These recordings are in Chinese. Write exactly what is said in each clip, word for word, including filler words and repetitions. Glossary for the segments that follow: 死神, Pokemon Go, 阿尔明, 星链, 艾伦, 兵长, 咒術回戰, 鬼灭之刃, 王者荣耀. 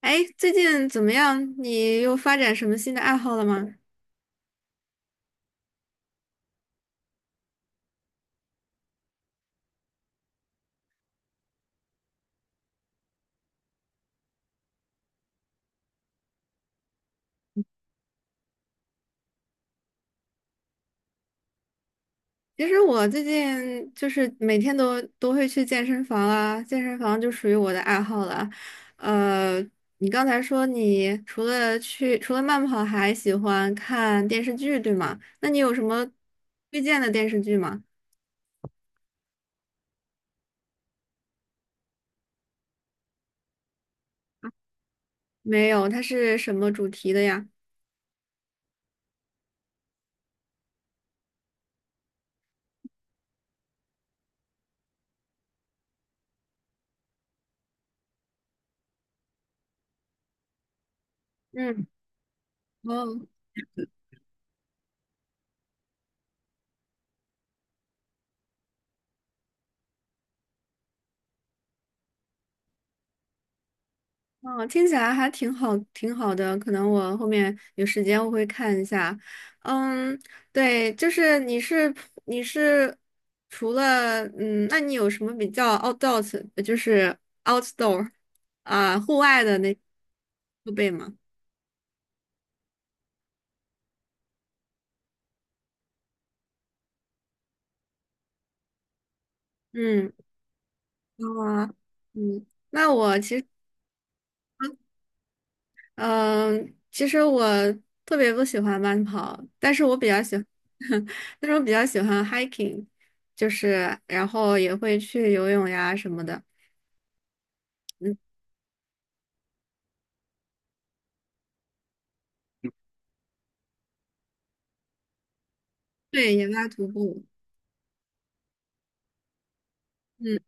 哎，最近怎么样？你又发展什么新的爱好了吗？其实我最近就是每天都都会去健身房啊，健身房就属于我的爱好了。呃，你刚才说你除了去除了慢跑，还喜欢看电视剧，对吗？那你有什么推荐的电视剧吗？没有，它是什么主题的呀？嗯。嗯，听起来还挺好，挺好的。可能我后面有时间我会看一下。嗯，对，就是你是你是除了嗯，那你有什么比较 outdoor，呃就是 outdoor 啊、户外的那设备吗？嗯，啊，嗯，那我其实。嗯，其实我特别不喜欢慢跑，但是我比较喜欢，但是我比较喜欢 hiking，就是然后也会去游泳呀什么的。嗯，对，野拉徒步。嗯，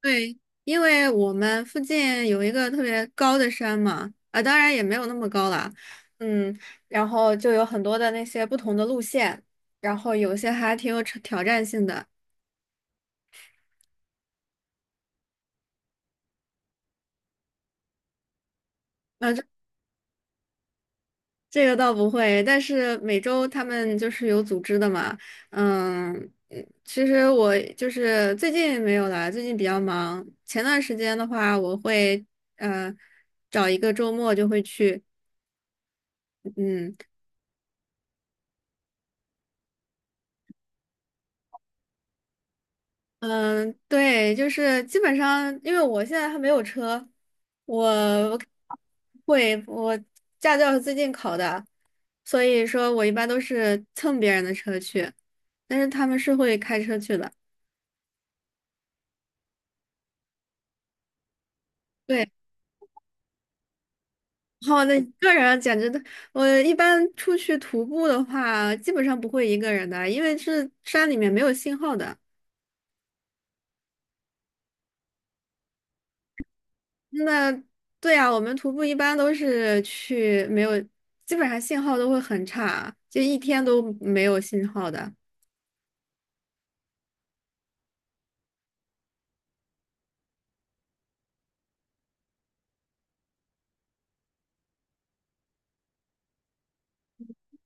对，因为我们附近有一个特别高的山嘛，啊，当然也没有那么高啦。嗯，然后就有很多的那些不同的路线，然后有些还挺有挑挑战性的。那这个倒不会，但是每周他们就是有组织的嘛，嗯，嗯其实我就是最近没有啦，最近比较忙。前段时间的话，我会呃找一个周末就会去，嗯嗯，对，就是基本上，因为我现在还没有车，我我会我驾照是最近考的，所以说我一般都是蹭别人的车去，但是他们是会开车去的。对。好的，那一个人啊简直的，我一般出去徒步的话，基本上不会一个人的，因为是山里面没有信号的。那对呀，我们徒步一般都是去没有，基本上信号都会很差，就一天都没有信号的。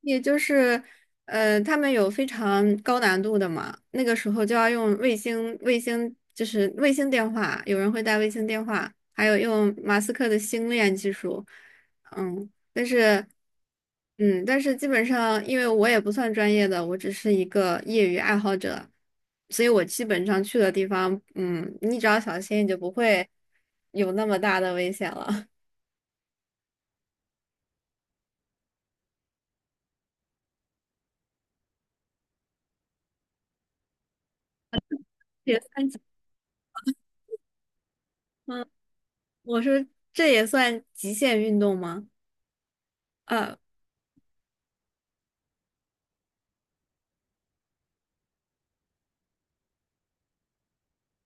也就是，呃，他们有非常高难度的嘛，那个时候就要用卫星，卫星就是卫星电话，有人会带卫星电话，还有用马斯克的星链技术，嗯，但是，嗯，但是基本上，因为我也不算专业的，我只是一个业余爱好者，所以我基本上去的地方，嗯，你只要小心，你就不会有那么大的危险了。也算极，嗯，我说这也算极限运动吗？呃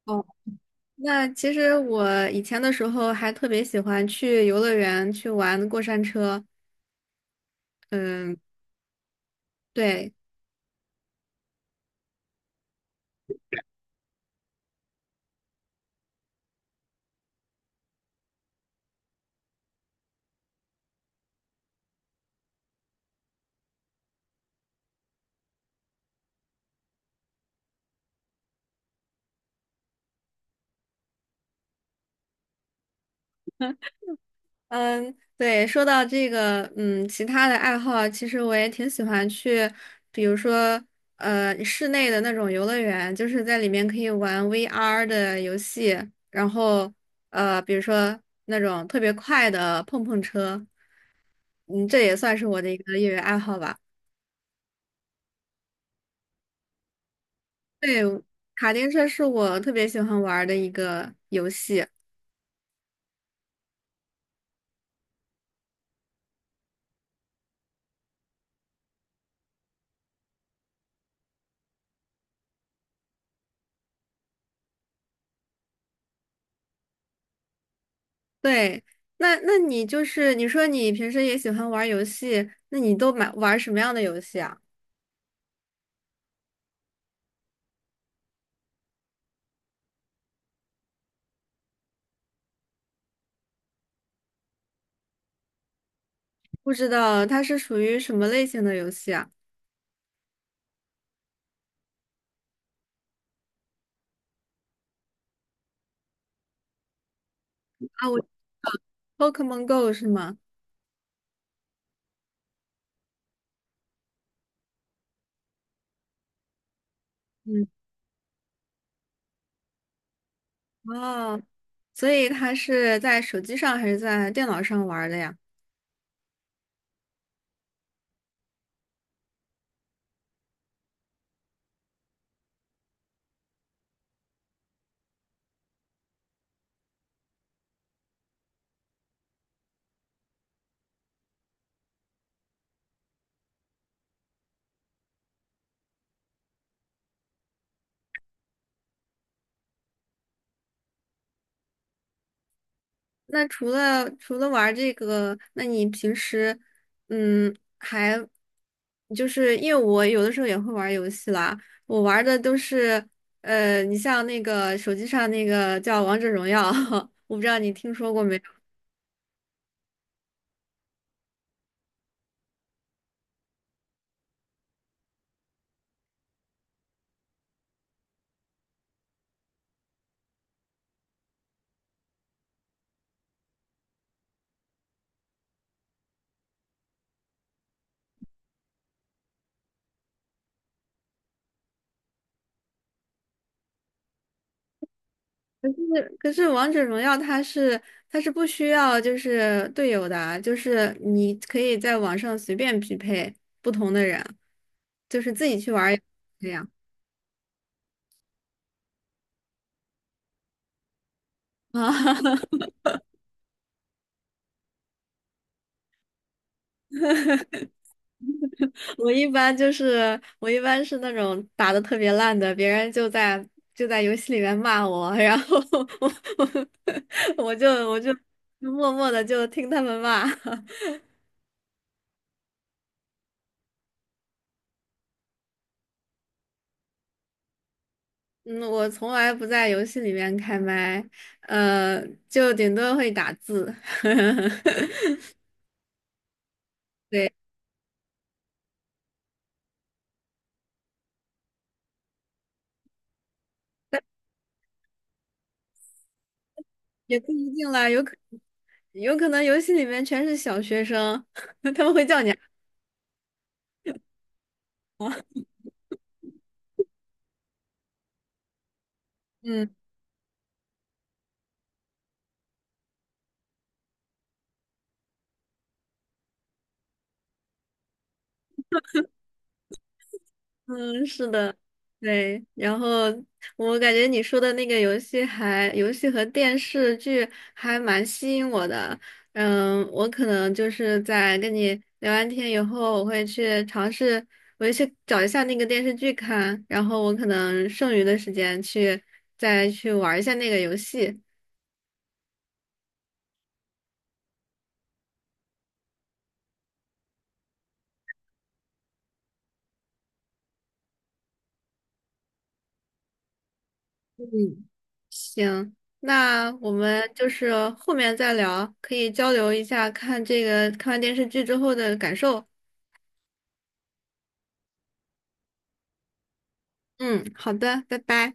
哦，那其实我以前的时候还特别喜欢去游乐园去玩过山车。嗯，对，嗯，对，说到这个，嗯，其他的爱好，其实我也挺喜欢去，比如说，呃，室内的那种游乐园，就是在里面可以玩 V R 的游戏，然后，呃，比如说那种特别快的碰碰车，嗯，这也算是我的一个业余爱好吧。对，卡丁车是我特别喜欢玩儿的一个游戏。对，那那你就是你说你平时也喜欢玩儿游戏，那你都买玩儿什么样的游戏啊？不知道它是属于什么类型的游戏啊？啊，我 Pokemon Go 是吗？嗯，哦，所以它是在手机上还是在电脑上玩儿的呀？那除了除了玩儿这个，那你平时嗯还就是因为我有的时候也会玩儿游戏啦，我玩儿的都是呃，你像那个手机上那个叫《王者荣耀》，我不知道你听说过没有？可是可是《王者荣耀》它是它是不需要就是队友的啊就是你可以在网上随便匹配不同的人，就是自己去玩儿也这样啊。我一般就是我一般是那种打的特别烂的，别人就在就在游戏里面骂我，然后 我我我就我就默默的就听他们骂。嗯，我从来不在游戏里面开麦，呃，就顶多会打字。对，也不一定啦，有可有可能游戏里面全是小学生，他们会叫你啊嗯。嗯，是的，对。然后我感觉你说的那个游戏还，游戏和电视剧还蛮吸引我的。嗯，我可能就是在跟你聊完天以后，我会去尝试，我会去找一下那个电视剧看，然后我可能剩余的时间去再去玩一下那个游戏。嗯，行，那我们就是后面再聊，可以交流一下看这个看完电视剧之后的感受。嗯，好的，拜拜。